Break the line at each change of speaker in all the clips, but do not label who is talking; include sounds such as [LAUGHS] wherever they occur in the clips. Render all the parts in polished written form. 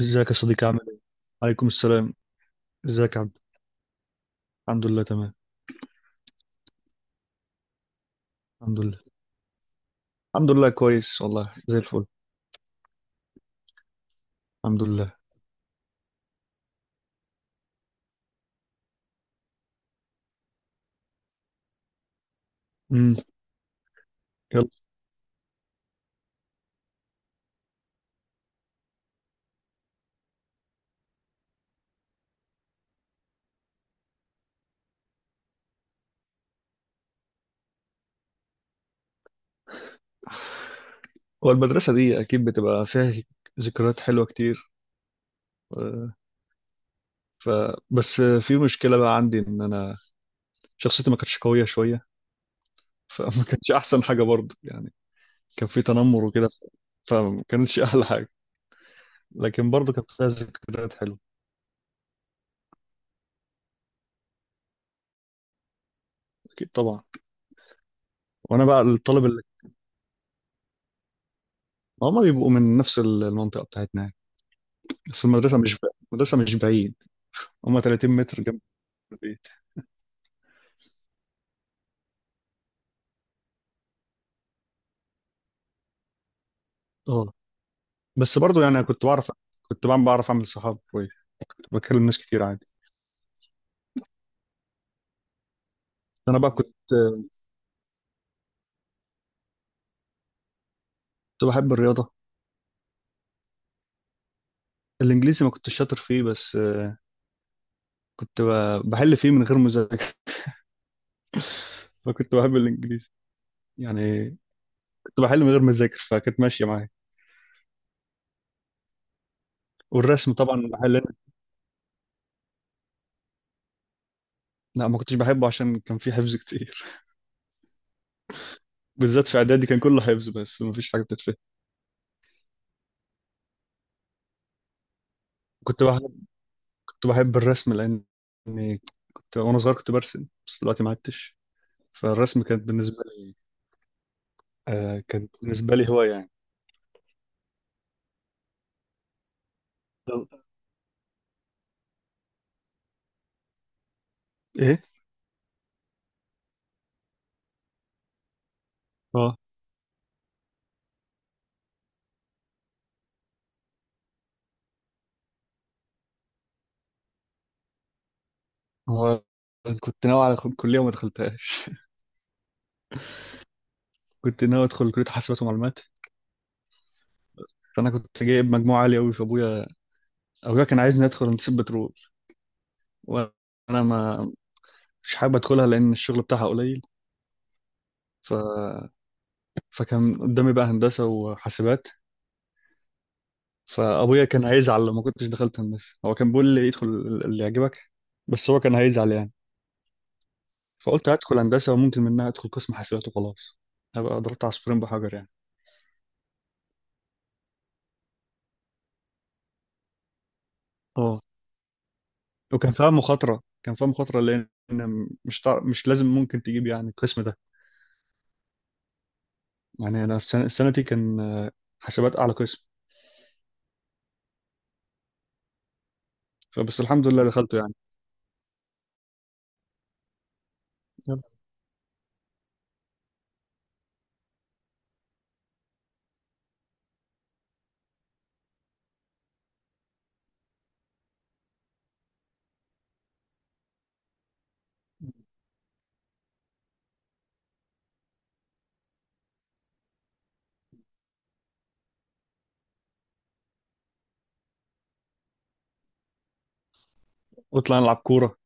ازيك يا صديقي عامل ايه؟ عليكم السلام. ازيك يا عبد. الحمد لله تمام. الحمد لله. الحمد لله، كويس والله زي الفل. الحمد لله. امم يلا. هو المدرسة دي أكيد بتبقى فيها ذكريات حلوة كتير. آه، ف بس في مشكلة بقى عندي إن أنا شخصيتي ما كانتش قوية شوية. فما [LAUGHS] كانتش أحسن حاجة برضه يعني. كان في تنمر وكده فما كانتش أحلى حاجة، لكن برضه كانت فيها ذكريات حلوة. أكيد طبعا. وأنا بقى الطالب اللي هما بيبقوا من نفس المنطقة بتاعتنا يعني. بس المدرسة مش بعيد المدرسة مش بعيد، هم 30 متر جنب البيت. اه. بس برضو يعني انا كنت بعرف، كنت بعمل بعرف اعمل صحاب كويس، كنت بكلم ناس كتير عادي. انا بقى كنت كنت بحب الرياضه. الانجليزي ما كنتش شاطر فيه، بس كنت بحل فيه من غير مذاكره. [LAUGHS] فكنت بحب الانجليزي يعني، كنت بحل من غير مذاكر فكانت ماشيه معايا. والرسم طبعا بحل. لا ما كنتش بحبه عشان كان فيه حفظ كتير. [LAUGHS] بالذات في اعدادي كان كله حفظ بس ما فيش حاجه بتتفهم. كنت بحب كنت بحب الرسم لان إني كنت وانا صغير كنت برسم، بس دلوقتي ما عدتش. فالرسم كانت بالنسبه لي آه كانت بالنسبة لي هواية يعني. طب إيه؟ اه. هو كنت ناوي على كلية وما دخلتهاش. [LAUGHS] كنت ناوي أدخل كلية حاسبات ومعلومات. فأنا كنت جايب مجموعة عالية أوي. أبويا كان عايزني أدخل هندسة بترول، وأنا ما مش حابب أدخلها لأن الشغل بتاعها قليل. ف... فكان قدامي بقى هندسة وحاسبات. فأبويا كان هيزعل لو ما كنتش دخلت هندسة، هو كان بيقول لي ادخل اللي يعجبك، بس هو كان هيزعل يعني. فقلت هدخل هندسة وممكن منها أدخل قسم حاسبات وخلاص، هبقى ضربت عصفورين بحجر يعني. اه. وكان فيها مخاطرة، كان فيها مخاطرة لأن مش لازم ممكن تجيب يعني القسم ده. يعني أنا في سنتي كان حسابات أعلى قسم. الحمد لله دخلته يعني. يلا. وطلعنا نلعب كورة.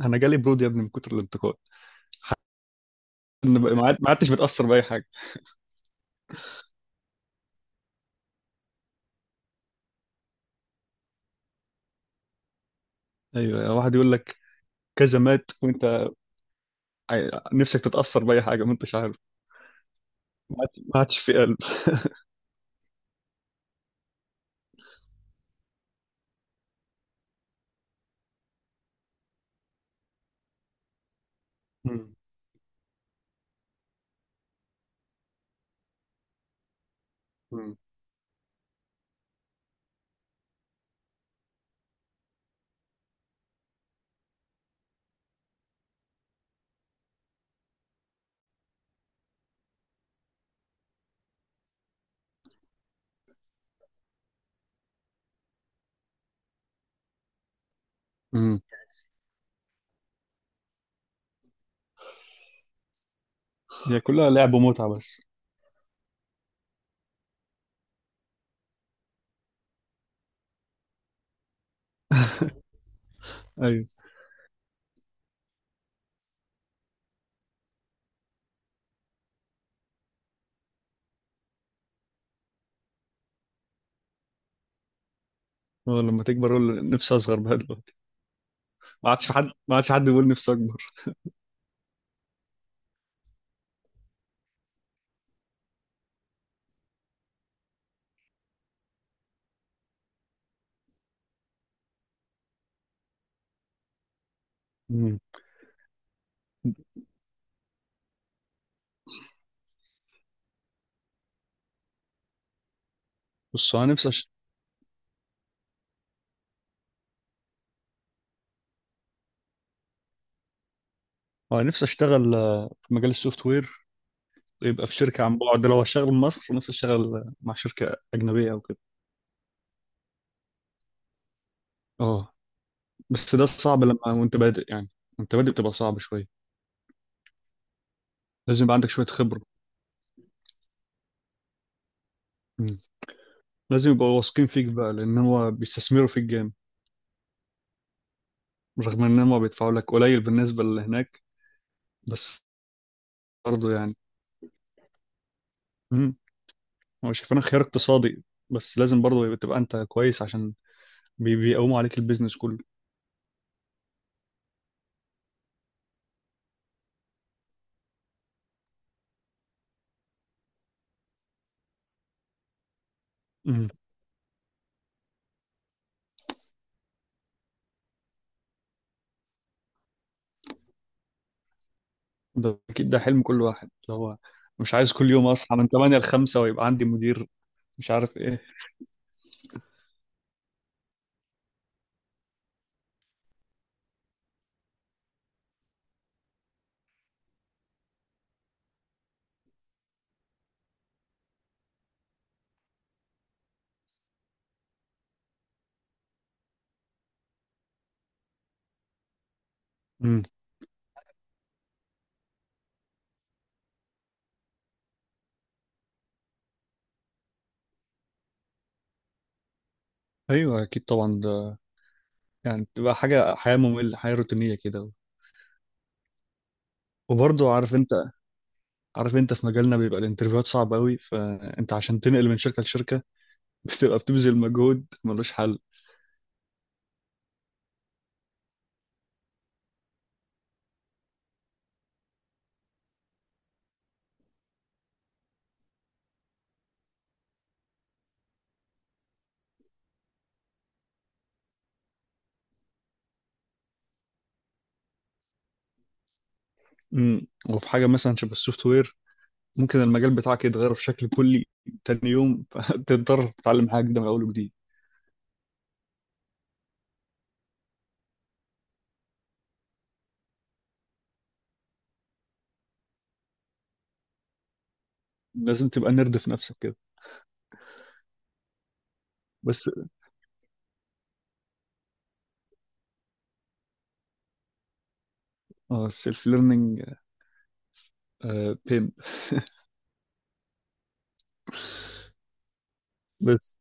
أنا جالي برود يا ابني من كتر الانتقاد. أنا ما عدتش بتأثر بأي حاجة. أيوة، واحد يقول لك كذا مات وأنت نفسك تتأثر بأي حاجة، ما أنتش عارف. ما عادش في قلب. مم. مم. مم. هي كلها لعب ومتعة بس. أيوة. هو لما تكبر أقول نفسي أصغر بقى دلوقتي. ما عادش في حد، ما عادش حد بيقول نفسي أكبر. بص، هو أنا نفسي أشتغل في مجال السوفت وير. يبقى في شركة عن بعد، لو هشتغل في مصر نفسي أشتغل مع شركة أجنبية أو كده. أه. بس ده صعب لما وأنت بادئ يعني، وأنت بادئ بتبقى صعب شوية. لازم يبقى عندك شوية خبرة. مم. لازم يبقوا واثقين فيك بقى لأن هو بيستثمروا فيك جامد، رغم إن هم بيدفعوا لك قليل بالنسبة اللي هناك. بس برضه يعني. مم. هو شايف أنا خيار اقتصادي، بس لازم برضه تبقى أنت كويس عشان بيقوموا عليك البيزنس كله. مم. ده اكيد ده حلم كل واحد، اللي هو مش عايز كل يوم اصحى من 8 ل 5 ويبقى عندي مدير مش عارف ايه. امم ايوه اكيد طبعا ده، يعني بتبقى حاجه، حياه ممله حياه روتينيه كده. وبرضه عارف انت عارف انت في مجالنا بيبقى الانترفيوهات صعبه قوي، فانت عشان تنقل من شركه لشركه [LAUGHS] بتبقى بتبذل مجهود ملوش حل. وفي حاجه مثلا شبه السوفت وير، ممكن المجال بتاعك يتغير بشكل كلي تاني يوم. [LAUGHS] فتضطر تتعلم حاجه جديده من اول وجديد. لازم تبقى نرد في نفسك كده. بس اه، السيلف ليرنينج. بس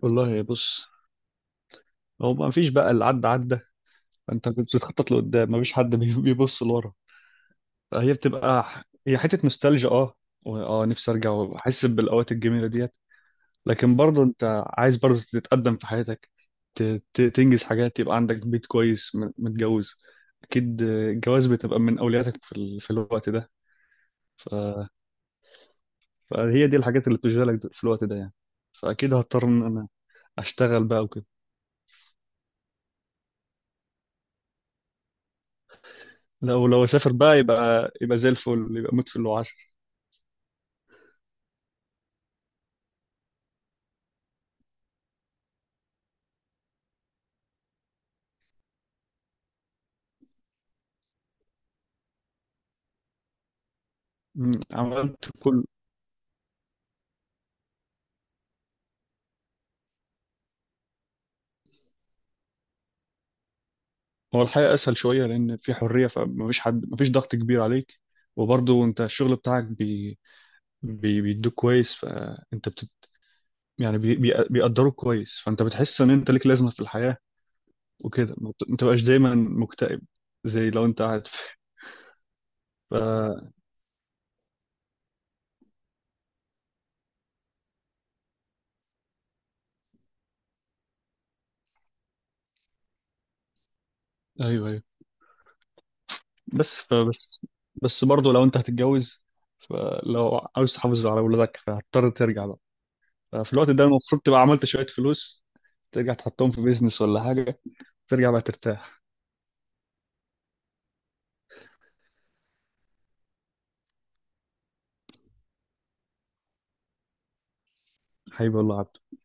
والله، بص. هو ما فيش بقى اللي عدى عدى، انت بتخطط لقدام، ما فيش حد بيبص لورا. فهي بتبقى هي حته نوستالجيا. اه. و- اه نفسي ارجع واحس بالاوقات الجميله ديت. لكن برضه انت عايز برضه تتقدم في حياتك، تنجز حاجات، يبقى عندك بيت كويس، متجوز. اكيد الجواز بتبقى من اولوياتك في الوقت ده. ف... فهي دي الحاجات اللي بتشغلك في الوقت ده يعني. فاكيد هضطر ان انا اشتغل بقى وكده. لو اسافر بقى يبقى زي الفل، يبقى موت في اللي عشر. عملت كل. هو الحقيقه اسهل شويه لان في حريه، فمفيش حد، مفيش ضغط كبير عليك. وبرضه انت الشغل بتاعك بيدوك كويس، فانت بت... يعني بي... بي... بيقدروك كويس، فانت بتحس ان انت ليك لازمه في الحياه وكده، ما تبقاش دايما مكتئب زي لو انت قاعد ف... ايوه، ايوه. بس فبس بس برضه لو انت هتتجوز، فلو عاوز تحافظ على اولادك فهتضطر ترجع بقى. ففي الوقت ده المفروض تبقى عملت شوية فلوس، ترجع تحطهم في بيزنس ولا حاجة، ترجع بقى ترتاح. حبيبي والله يا عبد